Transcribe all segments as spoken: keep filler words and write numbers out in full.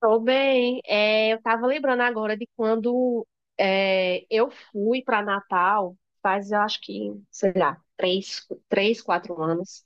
Tô bem. É, eu tava lembrando agora de quando é, eu fui para Natal, faz eu acho que, sei lá, três, três, quatro anos.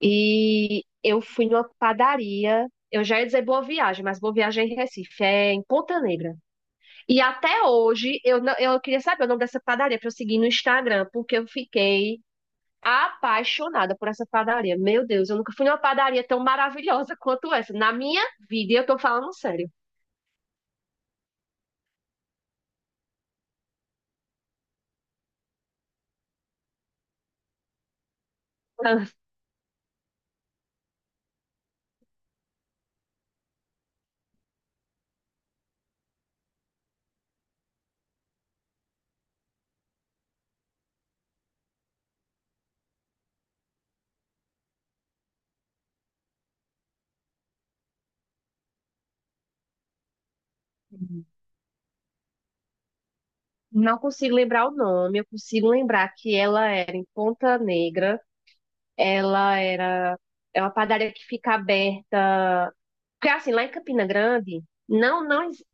E eu fui numa padaria. Eu já ia dizer Boa Viagem, mas Boa Viagem é em Recife, é em Ponta Negra. E até hoje eu, não- eu queria saber o nome dessa padaria para eu seguir no Instagram, porque eu fiquei apaixonada por essa padaria. Meu Deus, eu nunca fui numa padaria tão maravilhosa quanto essa. Na minha vida, e eu tô falando sério. Não consigo lembrar o nome, eu consigo lembrar que ela era em Ponta Negra, ela era é uma padaria que fica aberta, porque assim, lá em Campina Grande, não não ex-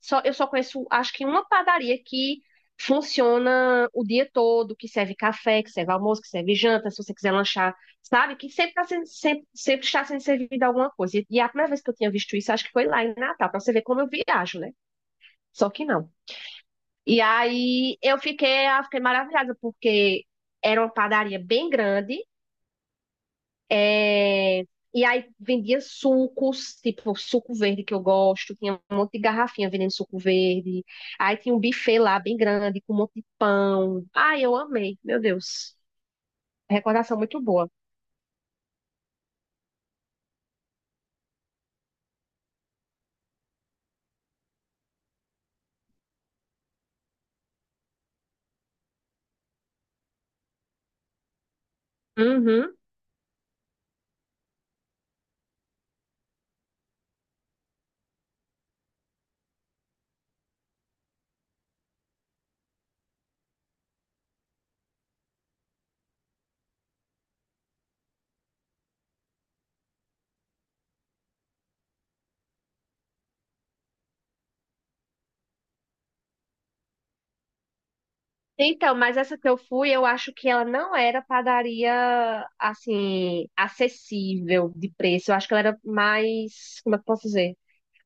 só eu só conheço acho que uma padaria que funciona o dia todo, que serve café, que serve almoço, que serve janta, se você quiser lanchar, sabe? Que sempre tá sendo, sempre, sempre está sendo servida alguma coisa. E, e a primeira vez que eu tinha visto isso, acho que foi lá em Natal, para você ver como eu viajo, né? Só que não. E aí eu fiquei, eu fiquei maravilhada, porque era uma padaria bem grande, é, e aí vendia sucos, tipo suco verde que eu gosto, tinha um monte de garrafinha vendendo suco verde. Aí tinha um buffet lá bem grande, com um monte de pão. Ai, eu amei, meu Deus. Recordação muito boa. Uhum. Então, mas essa que eu fui, eu acho que ela não era padaria, assim, acessível de preço. Eu acho que ela era mais, como é que eu posso dizer?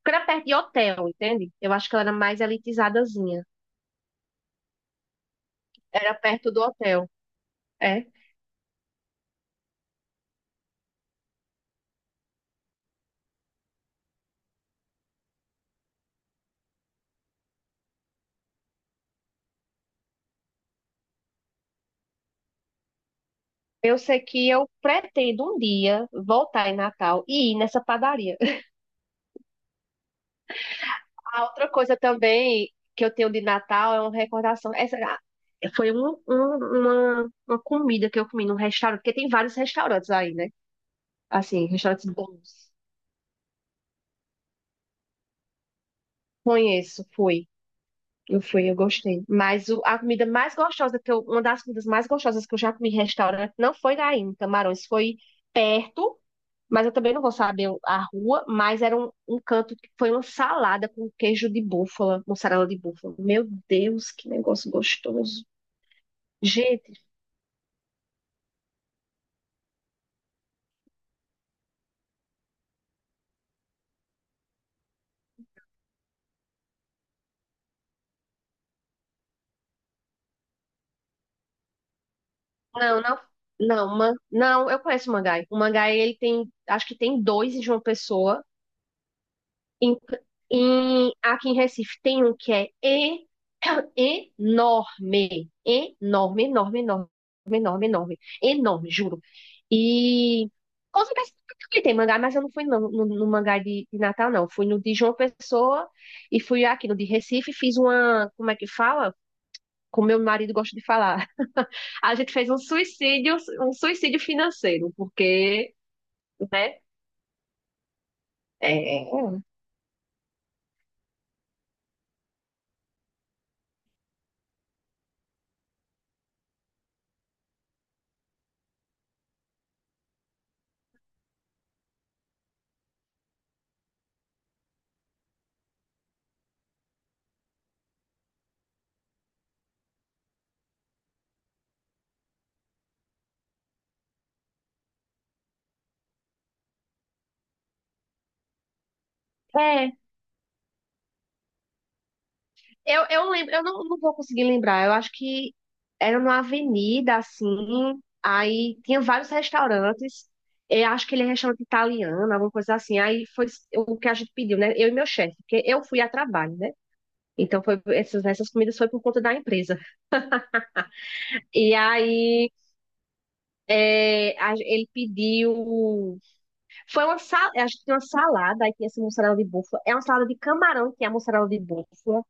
Porque era perto de hotel, entende? Eu acho que ela era mais elitizadazinha. Era perto do hotel. É. Eu sei que eu pretendo um dia voltar em Natal e ir nessa padaria. A outra coisa também que eu tenho de Natal é uma recordação. Essa ah, foi um- um- uma, uma comida que eu comi num restaurante, porque tem vários restaurantes aí, né? Assim, restaurantes bons. Conheço, fui. Eu fui, eu gostei. Mas o- a comida mais gostosa que eu, uma das comidas mais gostosas que eu já comi em restaurante não foi lá em Camarões, foi perto, mas eu também não vou saber a rua, mas era um, um canto que foi uma salada com queijo de búfala, mussarela de búfala. Meu Deus, que negócio gostoso. Gente, não, não, não, man, não, eu conheço o Mangai. O Mangai, ele tem, acho que tem dois em João Pessoa. Em, em- aqui em Recife tem um que é e- enorme, enorme, enorme, enorme, enorme, enorme, enorme, juro. E com certeza também tem mangá, mas eu não fui não, no, no mangá de, de Natal, não. Fui no de João Pessoa e fui aqui no de Recife, fiz uma, como é que fala? Como meu marido gosta de falar. A gente fez um suicídio, um suicídio financeiro, porque, né? É, é, é. Eu, eu, lembro, eu não, não vou conseguir lembrar. Eu acho que era numa avenida, assim. Aí tinha vários restaurantes. Eu acho que ele é restaurante italiano, alguma coisa assim. Aí foi o que a gente pediu, né? Eu e meu chefe, porque eu fui a trabalho, né? Então foi essas, essas comidas foi por conta da empresa. E aí é, a- ele pediu. Foi uma salada, a gente tinha uma salada, aí tinha essa mussarela de búfala. É uma salada de camarão que é a mussarela de búfala.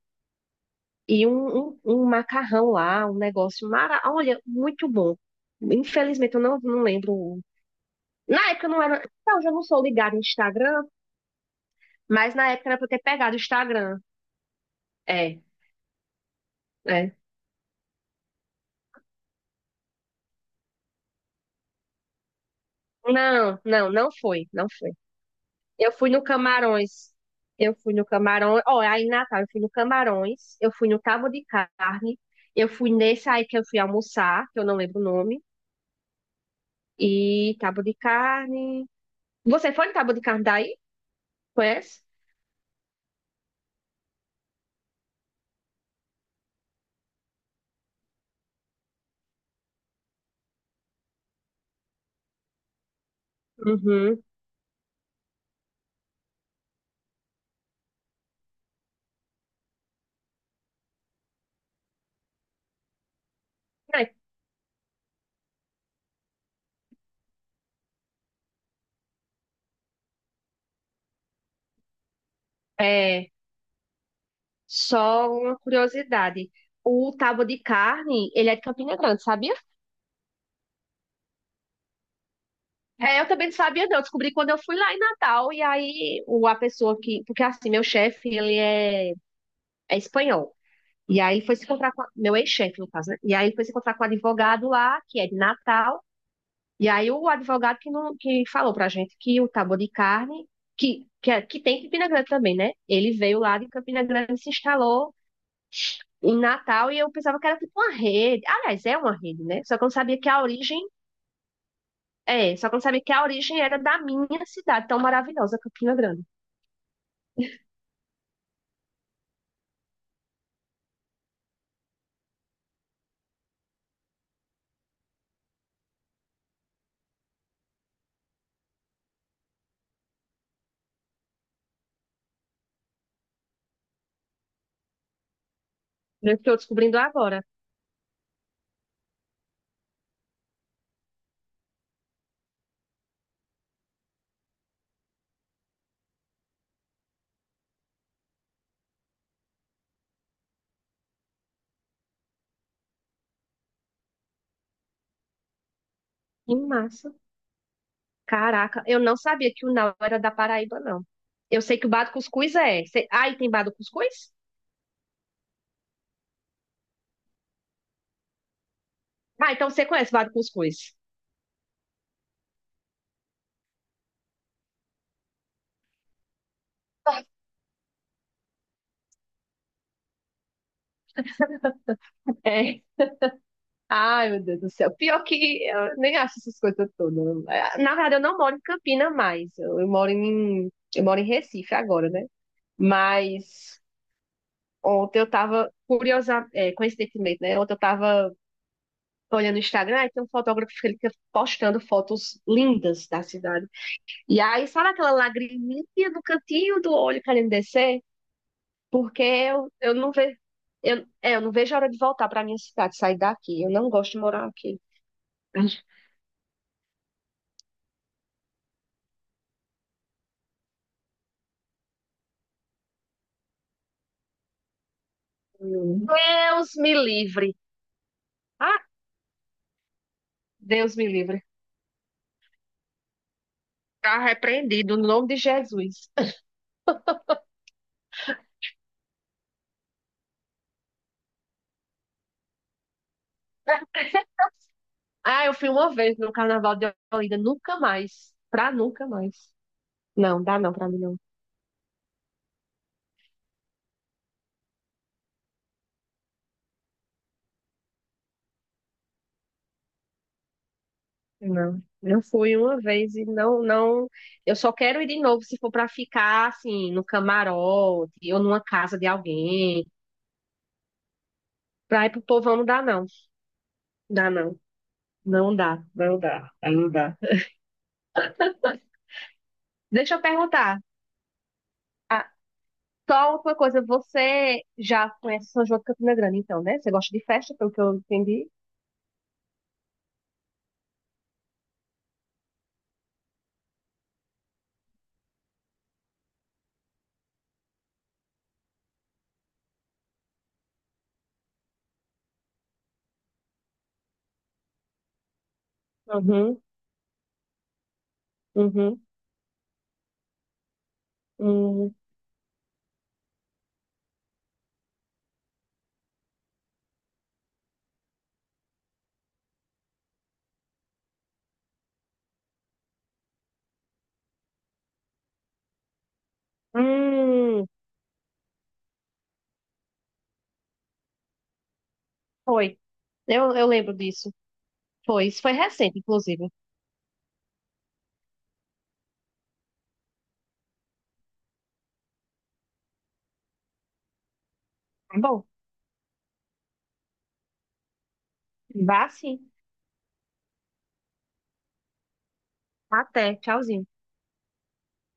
E um, um, um macarrão lá, um negócio mara... Olha, muito bom. Infelizmente, eu não, não lembro. Na época não era. Não, eu já não sou ligada no Instagram, mas na época era pra eu ter pegado o Instagram. É, é. Não, não, não foi, não foi. Eu fui no Camarões. Eu fui no Camarões. Ó, aí em Natal, eu fui no Camarões, eu fui no Cabo de Carne, eu fui nesse aí que eu fui almoçar, que eu não lembro o nome. E Cabo de Carne. Você foi no Cabo de Carne daí? Conhece? Uhum. É, só uma curiosidade. O tábua de carne, ele é de Campina Grande, sabia? É, eu também não sabia, não. Descobri quando eu fui lá em Natal. E aí, o, a pessoa que. Porque assim, meu chefe, ele é, é espanhol. E aí, ele foi se encontrar com. a- Meu ex-chefe, no caso, né? E aí, ele foi se encontrar com o advogado lá, que é de Natal. E aí, o advogado que, não, que falou pra gente que o tábua de carne, que, que, é- que tem em Campina Grande também, né? Ele veio lá de Campina Grande e se instalou em Natal e eu pensava que era tipo uma rede. Aliás, é uma rede, né? Só que eu não sabia que a origem é, só que eu não sabia que a origem era da minha cidade, tão maravilhosa, Campina Grande. Eu estou descobrindo agora. Que massa. Caraca, eu não sabia que o Nau era da Paraíba, não. Eu sei que o Bado Cuscuz é. Cê... Ah, e tem Bado Cuscuz? Ah, então você conhece Bado Cuscuz. É. Ai, meu Deus do céu. Pior que eu nem acho essas coisas todas. É, na verdade, eu não moro em Campina mais. Eu eu moro em, eu moro em Recife agora, né? Mas ontem eu tava, curiosa, é, coincidentemente, né? Ontem eu tava olhando o Instagram e tem um fotógrafo que ele fica postando fotos lindas da cidade. E aí, sabe aquela lagriminha no cantinho do olho querendo descer? Porque eu, eu não vejo, eu, é, eu não vejo a hora de voltar pra minha cidade, sair daqui. Eu não gosto de morar aqui. Deus me livre. Ah, Deus me livre. Tá repreendido no nome de Jesus. Ah, eu fui uma vez no Carnaval de Olinda, nunca mais. Pra nunca mais. Não, dá não pra mim não. Não, eu fui uma vez e não, não. Eu só quero ir de novo se for para ficar assim no camarote ou numa casa de alguém. Pra ir pro povão não dá não, dá não, não dá, não dá, aí não dá. Deixa eu perguntar. Ah, só uma coisa, você já conhece São João de Campina Grande, então, né? Você gosta de festa, pelo que eu entendi? Uhum, uhum, uhum. Hum, foi. Eu, eu lembro disso. Foi, isso foi recente, inclusive. Tá bom, vá sim. Até, tchauzinho.